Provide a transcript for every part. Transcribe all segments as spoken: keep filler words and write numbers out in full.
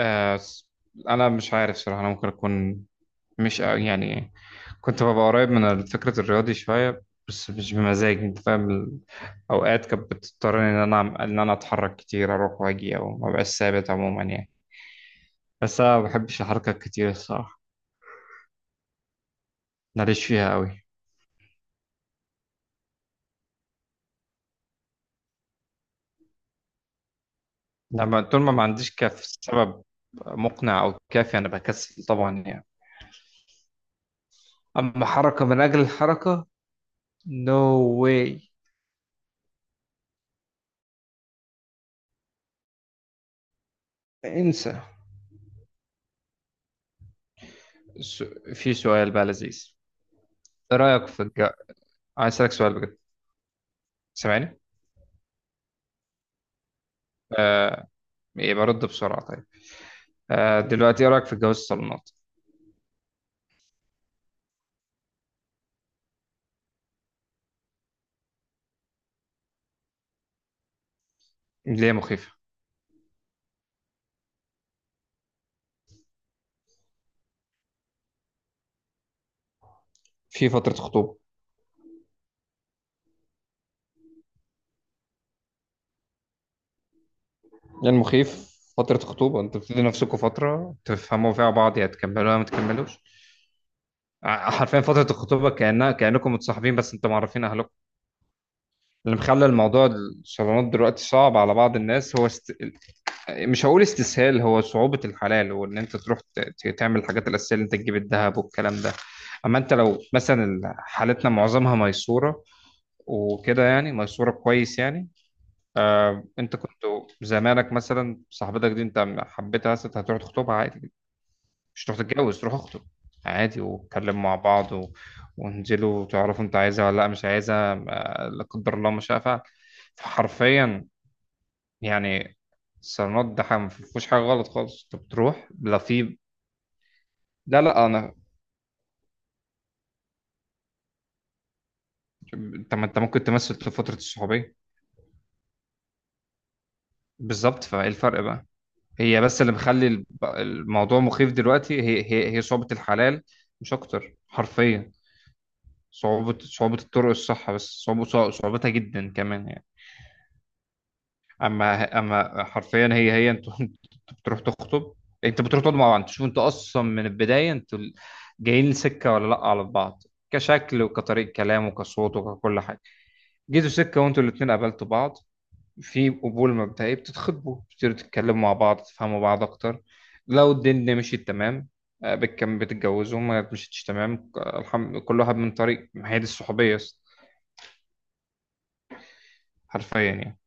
آه س- انا مش عارف صراحه، انا ممكن اكون مش أ- يعني كنت ببقى قريب من فكره الرياضي شويه، بس مش بمزاجي. انت فاهم ال- اوقات كانت بتضطرني ان انا أعم- ان انا اتحرك كتير، اروح واجي او ما بقاش ثابت عموما يعني. بس انا ما بحبش الحركه كتير الصراحه، ماليش فيها قوي. لما طول ما ما عنديش كاف سبب مقنع او كافي انا بكسل طبعا يعني. اما حركه من اجل الحركه، نو، no واي. انسى. س- في سؤال بقى لذيذ. ايه رأيك في الج... عايز أسألك سؤال بجد. سامعني؟ آه... إيه برد بسرعة؟ طيب، آه... دلوقتي ايه رأيك في جواز الصالونات؟ ليه مخيفة؟ في فترة خطوبة. ليه المخيف؟ فترة خطوبة، انتوا بتدوا نفسكم فترة تفهموا فيها بعض، يا تكملوها ما تكملوش. ع- حرفيا فترة الخطوبة كأنها كأنكم متصاحبين، بس انتوا معرفين أهلكم. اللي مخلي الموضوع الصالونات دلوقتي صعب على بعض الناس هو است... مش هقول استسهال، هو صعوبة الحلال، وان انت تروح ت- ت- تعمل الحاجات الأساسية اللي انت تجيب الذهب والكلام ده. اما انت لو مثلا ال- حالتنا معظمها ميسورة وكده، يعني ميسورة كويس يعني. آه، انت كنت زمانك مثلا صاحبتك دي انت حبيتها، مثلا هتروح تخطبها عادي، مش تروح تتجوز، تروح اخطب عادي واتكلم مع بعض و... وانزلوا وتعرفوا انت عايزها ولا لا مش عايزها، آه، لا قدر الله ما شاء فعل. فحرفيا يعني الصالونات ده حاجة ما فيهوش حاجة غلط خالص، انت بتروح لا في. لا لا، انا، انت، ما انت ممكن تمثل في فترة الصحوبية. بالظبط، فايه الفرق بقى؟ هي بس اللي مخلي الب- الموضوع مخيف دلوقتي هي هي هي صعوبة الحلال، مش اكتر حرفيا. صعوبة صعوبة الطرق الصح، بس صعوبة صعوبتها جدا كمان يعني. اما اما حرفيا هي هي انتوا انتوا بتروح تخطب، انت بتروح تقعدوا مع بعض تشوف انتوا اصلا من البدايه انتوا جايين سكه ولا لا على بعض، كشكل وكطريقه كلام وكصوت وككل حاجه. جيتوا سكه وانتوا الاثنين قابلتوا بعض، في قبول مبدئي بتتخطبوا، بتبتدوا تتكلموا مع بعض، تفهموا بعض اكتر. لو الدنيا مشيت تمام، آه، بتكم بتتجوزوا، ما مشيتش تمام، آه، الحم... كل واحد من طريق، ما هي دي الصحوبيه حرفيا يعني.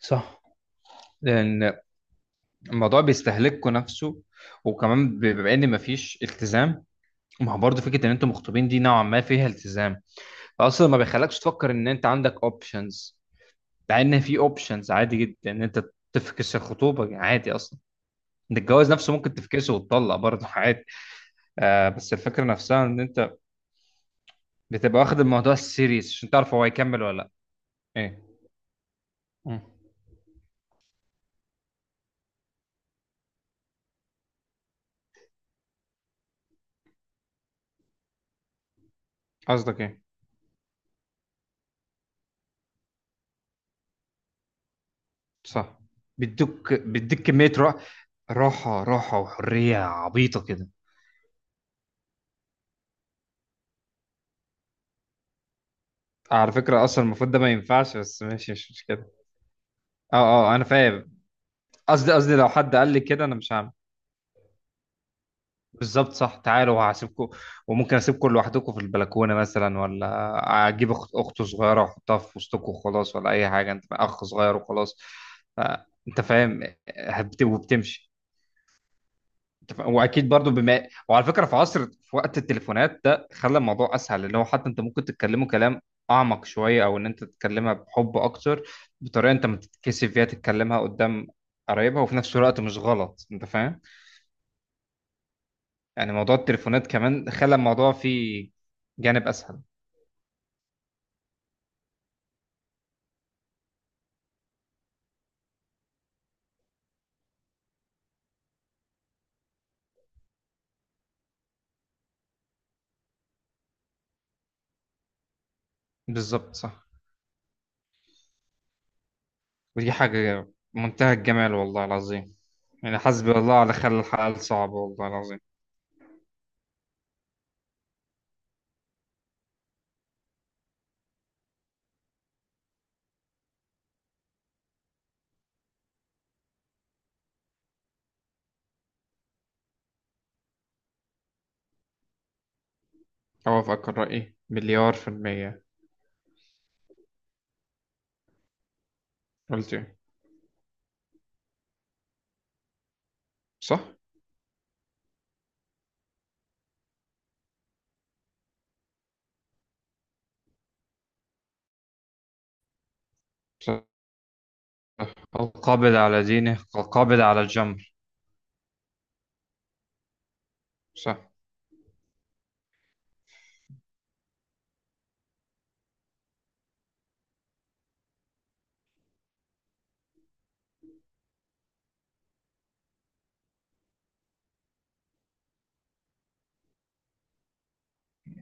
صح، لان الموضوع بيستهلككوا نفسه. وكمان بما ان مفيش التزام، ما هو برضه فكره ان انتوا مخطوبين دي نوعا ما فيها التزام، فاصلا ما بيخلكش تفكر ان انت عندك اوبشنز. مع ان في اوبشنز عادي جدا ان انت تفكس الخطوبه عادي اصلا. إن الجواز نفسه ممكن تفكسه وتطلق برضه عادي. آه، بس الفكره نفسها ان انت بتبقى واخد الموضوع سيريس عشان تعرف هو هيكمل ولا لا. ايه. مم. قصدك ايه؟ صح، بيدوك بيديك كميه راحه. راحه راحه وحريه عبيطه كده. على فكرة أصلا المفروض ده ما ينفعش، بس ماشي مش مشكلة. أه أه، أنا فاهم. قصدي، قصدي لو حد قال لي كده أنا مش هعمل. بالظبط صح، تعالوا وهسيبكم. وممكن أسيبكم لوحدكم في البلكونة مثلا، ولا أجيب أخت أخته صغيرة وأحطها في وسطكم وخلاص، ولا أي حاجة، أنت أخ صغير وخلاص. ف- أنت فاهم، هبت- وبتمشي. أنت فا- واكيد برضو، بما وعلى فكره في عصر، في وقت التليفونات ده خلى الموضوع اسهل، اللي هو حتى انت ممكن تتكلموا كلام اعمق شويه، او ان انت تتكلمها بحب اكتر بطريقه انت ما تتكسف فيها تتكلمها قدام قرايبها، وفي نفس الوقت مش غلط. انت فاهم يعني، موضوع التليفونات كمان خلى الموضوع فيه جانب اسهل. بالظبط صح. ودي حاجه منتهى الجمال والله العظيم. يعني حسبي الله على خلى الحلال صعب والله العظيم. اوافقك الراي مليار في الميه. قلت إيه؟ صح. صح، القابض على دينه كالقابض على الجمر. صح.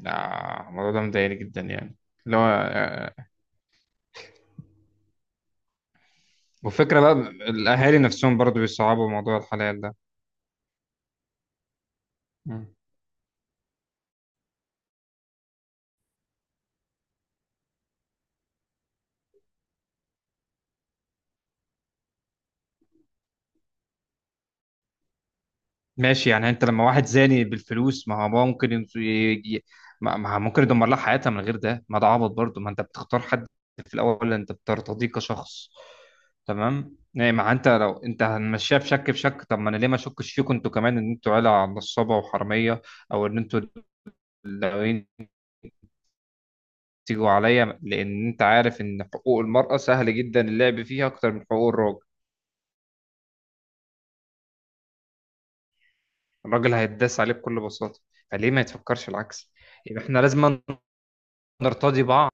آه، الموضوع ده مضايقني جدا يعني، اللي هو آه، وفكرة بقى الأهالي نفسهم برضو بيصعبوا موضوع الحلال ده. مم. ماشي يعني، أنت لما واحد زاني بالفلوس، ما هو بقى ممكن يمس- ي- ي- ما ما هو ممكن يدمر لها حياتها من غير ده، ما ده عبط برضو. ما أنت بتختار حد في الأول أنت بترتضيه كشخص تمام يعني. ما أنت لو أنت هنمشيها بشك بشك، طب ما أنا ليه ما أشكش فيكم أنتوا كمان إن أنتوا عيلة نصابة وحرامية، أو إن أنتوا تيجوا عليا، لأن أنت عارف إن حقوق المرأة سهل جدا اللعب فيها أكتر من حقوق الراجل. الراجل هيتداس عليه بكل بساطة. فليه ما يتفكرش العكس؟ يبقى إحنا لازم نرتضي بعض.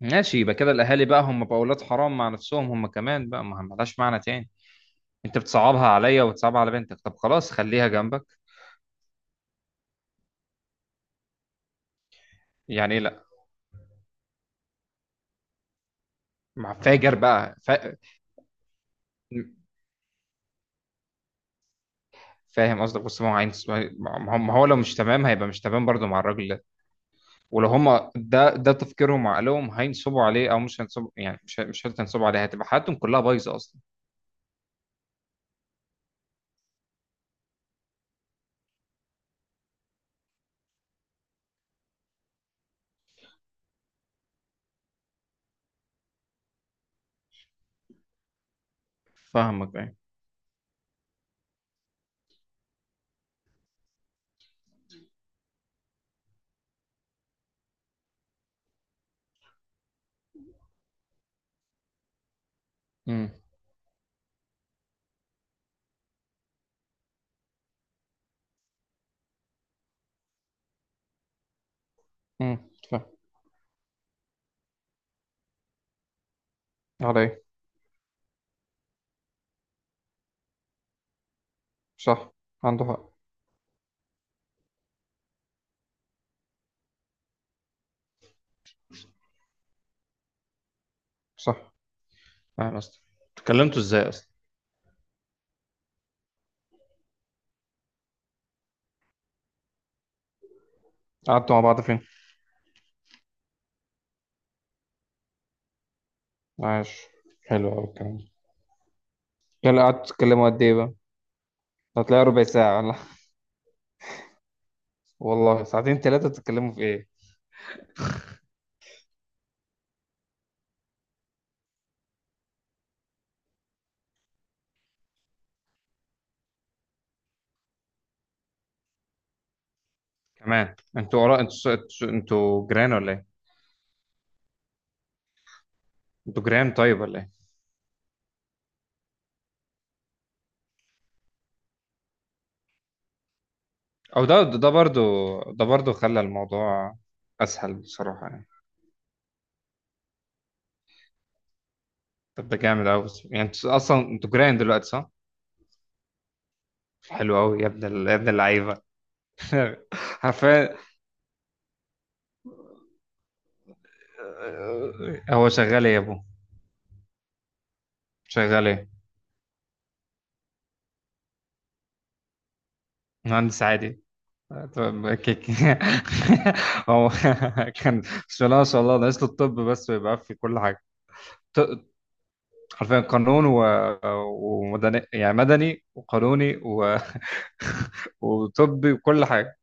ماشي، يبقى كده الأهالي بقى هم بقى أولاد حرام مع نفسهم هم كمان بقى، ما ملهاش معنى تاني. أنت بتصعبها عليا وبتصعبها على بنتك، طب خلاص خليها جنبك. يعني إيه لأ؟ مع فاجر بقى فا... فاهم قصدك. بص ما هو عين، ما هو ما هو لو مش تمام هيبقى مش تمام برضه مع الراجل. ولو هم ده ده تفكيرهم وعقلهم هينصبوا عليه او مش هينصبوا، يعني مش مش شرط هينصبوا عليه، هتبقى حياتهم كلها بايظه اصلا. فاهمك بقى. امم. امم، فاهم عليه. صح، عنده حق. صح. فاهم. اصلا اتكلمتوا ازاي اصلا؟ قعدتوا مع بعض فين؟ عاش. حلو قوي الكلام ده. يلا، قعدتوا تتكلموا قد ايه بقى؟ هتلاقي ربع ساعه ولا والله ساعتين ثلاثه؟ تتكلموا في ايه؟ كمان انتوا قرا، انتوا انتوا انتوا جيران ولا ايه؟ انتوا جيران طيب ولا ايه؟ او ده ده برضو، ده برضو خلى الموضوع اسهل بصراحه يعني. طب ده جامد قوي يعني، انت اصلا انتوا جيران دلوقتي صح؟ حلو قوي يا ابن ال- يا ابن اللعيبه. حرفيا. آه، هو شغال ايه يا ابو؟ شغال ايه؟ مهندس عادي. طب كيك. هو كان، بسم الله ما شاء الله، ناقص له الطب بس ويبقى في كل حاجه. ط- حرفيا قانون و... ومدني، يعني مدني وقانوني و... وطبي وكل حاجه.